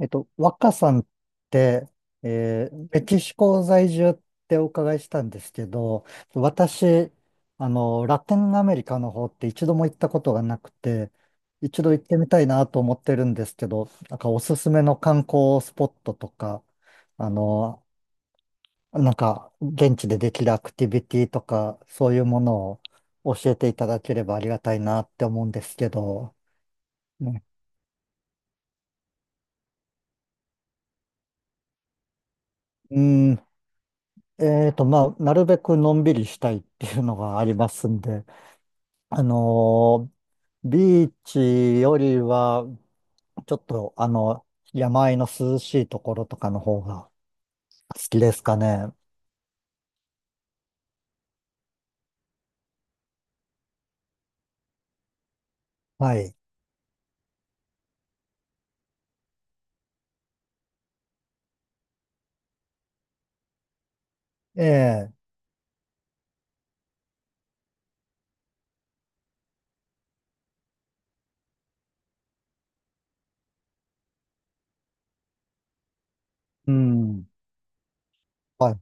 若さんって、メキシコ在住ってお伺いしたんですけど、私、ラテンアメリカの方って一度も行ったことがなくて、一度行ってみたいなと思ってるんですけど、なんかおすすめの観光スポットとか、あの、なんか現地でできるアクティビティとか、そういうものを教えていただければありがたいなって思うんですけど、ね、うーん、まあ、なるべくのんびりしたいっていうのがありますんで、あのビーチよりは、ちょっと、山あいの涼しいところとかの方が好きですかね。はい。ええ。うん。はい。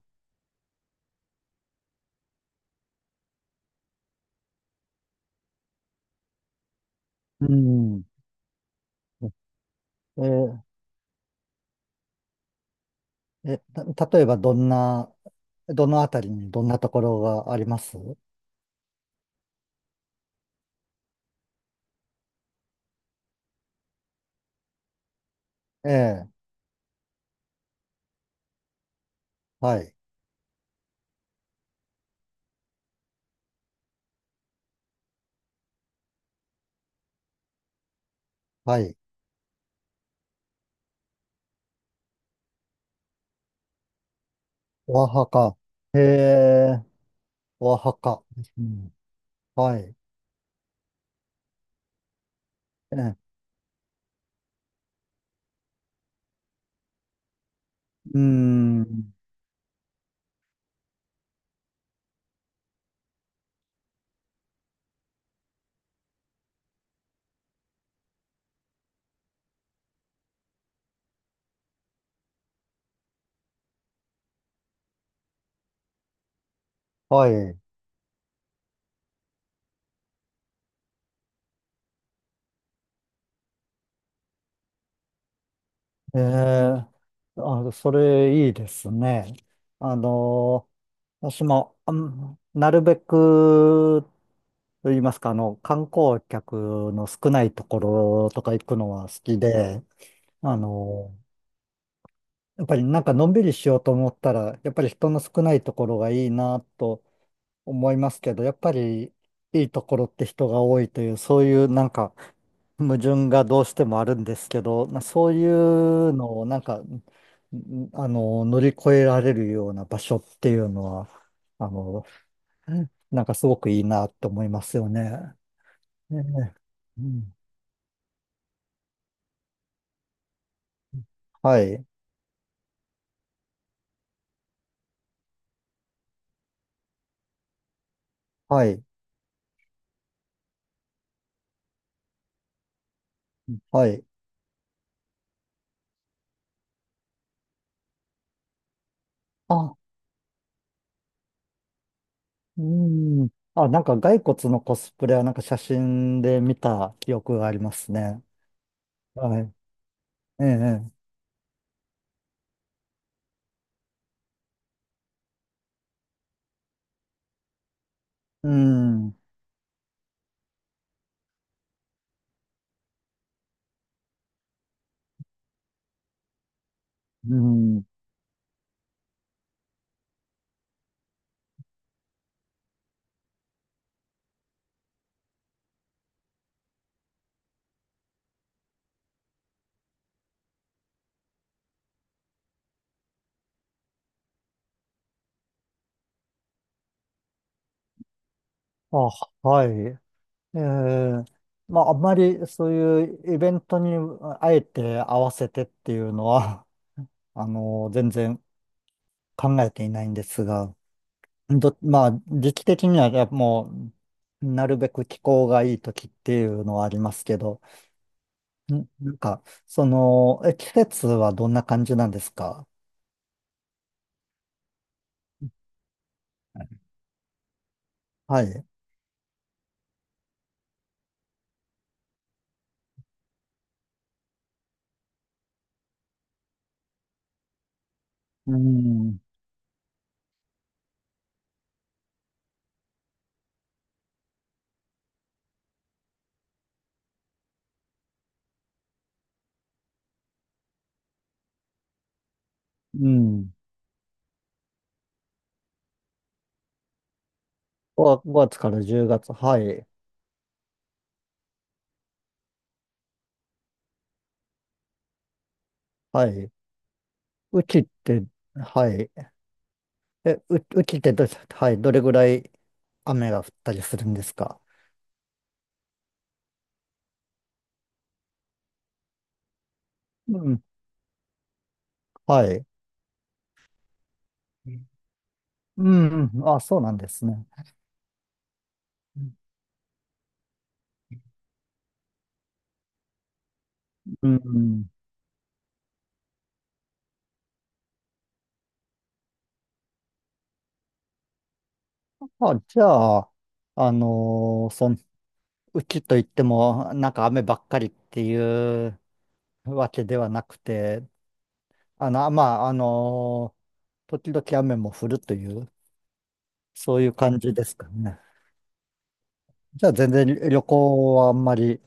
うん。えーえ、た例えばどんな、どのあたりにどんなところがありますええ。はい。はい。オアハカ。ええ。オアハカ。うん、はい。ええ。うーん。はい。ええ。あ、それいいですね。あの、私も、なるべく、と言いますか、観光客の少ないところとか行くのは好きで、あの、やっぱりなんかのんびりしようと思ったら、やっぱり人の少ないところがいいなと思いますけど、やっぱりいいところって人が多いという、そういうなんか矛盾がどうしてもあるんですけど、まあそういうのをなんか、乗り越えられるような場所っていうのは、あの、なんかすごくいいなって思いますよね。ねえ。うん。はい、はい、はい。あ、うん。あ、なんか骸骨のコスプレはなんか写真で見た記憶がありますね。はい。ええ、ええ。うん。うん。あ、はい。えー、まあ、あんまりそういうイベントにあえて合わせてっていうのは、全然考えていないんですが、まあ、時期的にはやっぱもう、なるべく気候がいい時っていうのはありますけど、なんか、その、え、季節はどんな感じなんですか？はい。うん。うん。5月から10月。はい。はい。雨季って、はい。うちってはい、どれぐらい雨が降ったりするんですか？うん。はい。うん。うん。あ、そうなんですね。うん。あ、じゃあ、あのーそん、うちといっても、なんか雨ばっかりっていうわけではなくて、まあ、時々雨も降るという、そういう感じですかね。じゃあ、全然旅行はあんまり、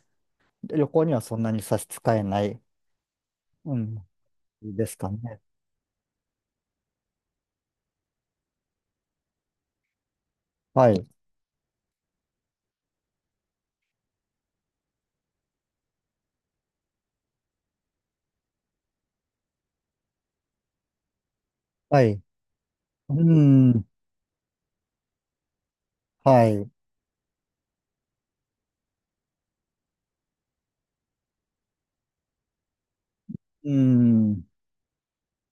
旅行にはそんなに差し支えない、うん、ですかね。はい。はい。うん。はい。うん。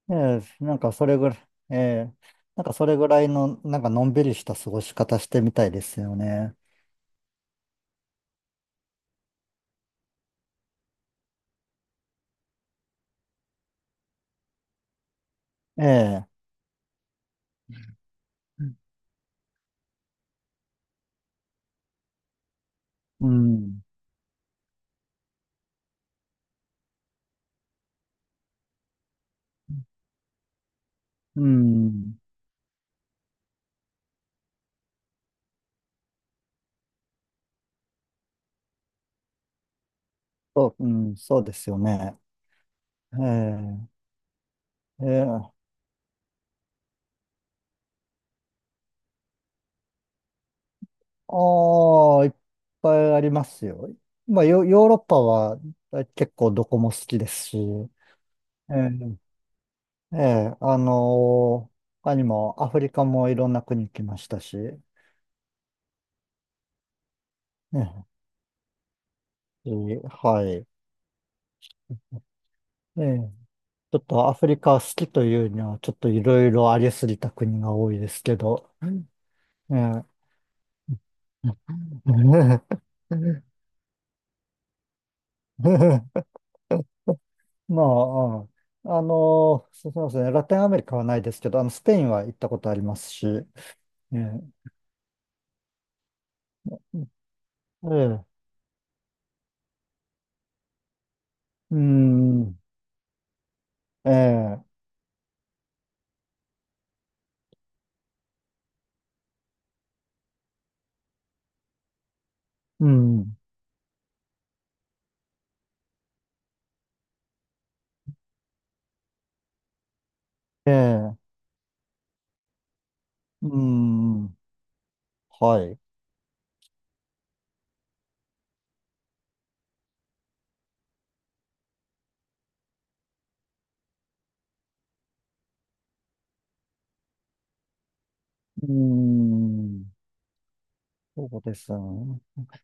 ええ、なんかそれぐらい、ええ、なんかそれぐらいの、なんかのんびりした過ごし方してみたいですよね。ええ。うん。うん。そう、うん、そうですよね。ええ。ええ。ああ、いっぱいありますよ。まあ、ヨーロッパは結構どこも好きですし、ええ、ええ、他にもアフリカもいろんな国来ましたし、ねえー。はい。ええ。ちょっとアフリカ好きというには、ちょっといろいろありすぎた国が多いですけど、ええ。 まあ、うん。そうそうですね、ラテンアメリカはないですけど、スペインは行ったことありますし、ええ、ええ、うん、ええ、うん、ええ、うん、はい、うん。そうですね。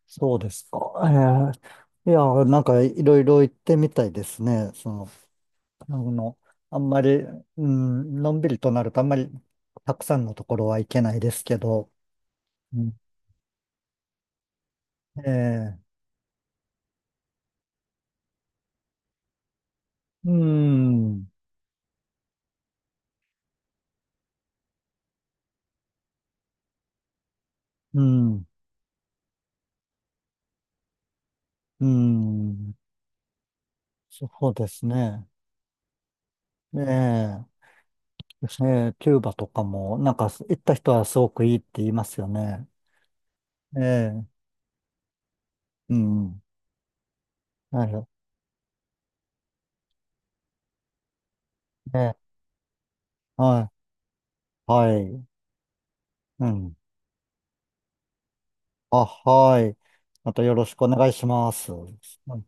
そうですか。ええ。いや、なんかいろいろ行ってみたいですね。その、あの、あんまり、うん、のんびりとなるとあんまりたくさんのところは行けないですけど、うん。ええ。うん、うん、うん、そうですね。えーキューバとかも、なんか行った人はすごくいいって言いますよね。ええ。うん、なるほど。ええ。はい、はい、うん。あ、はい。またよろしくお願いします。はい。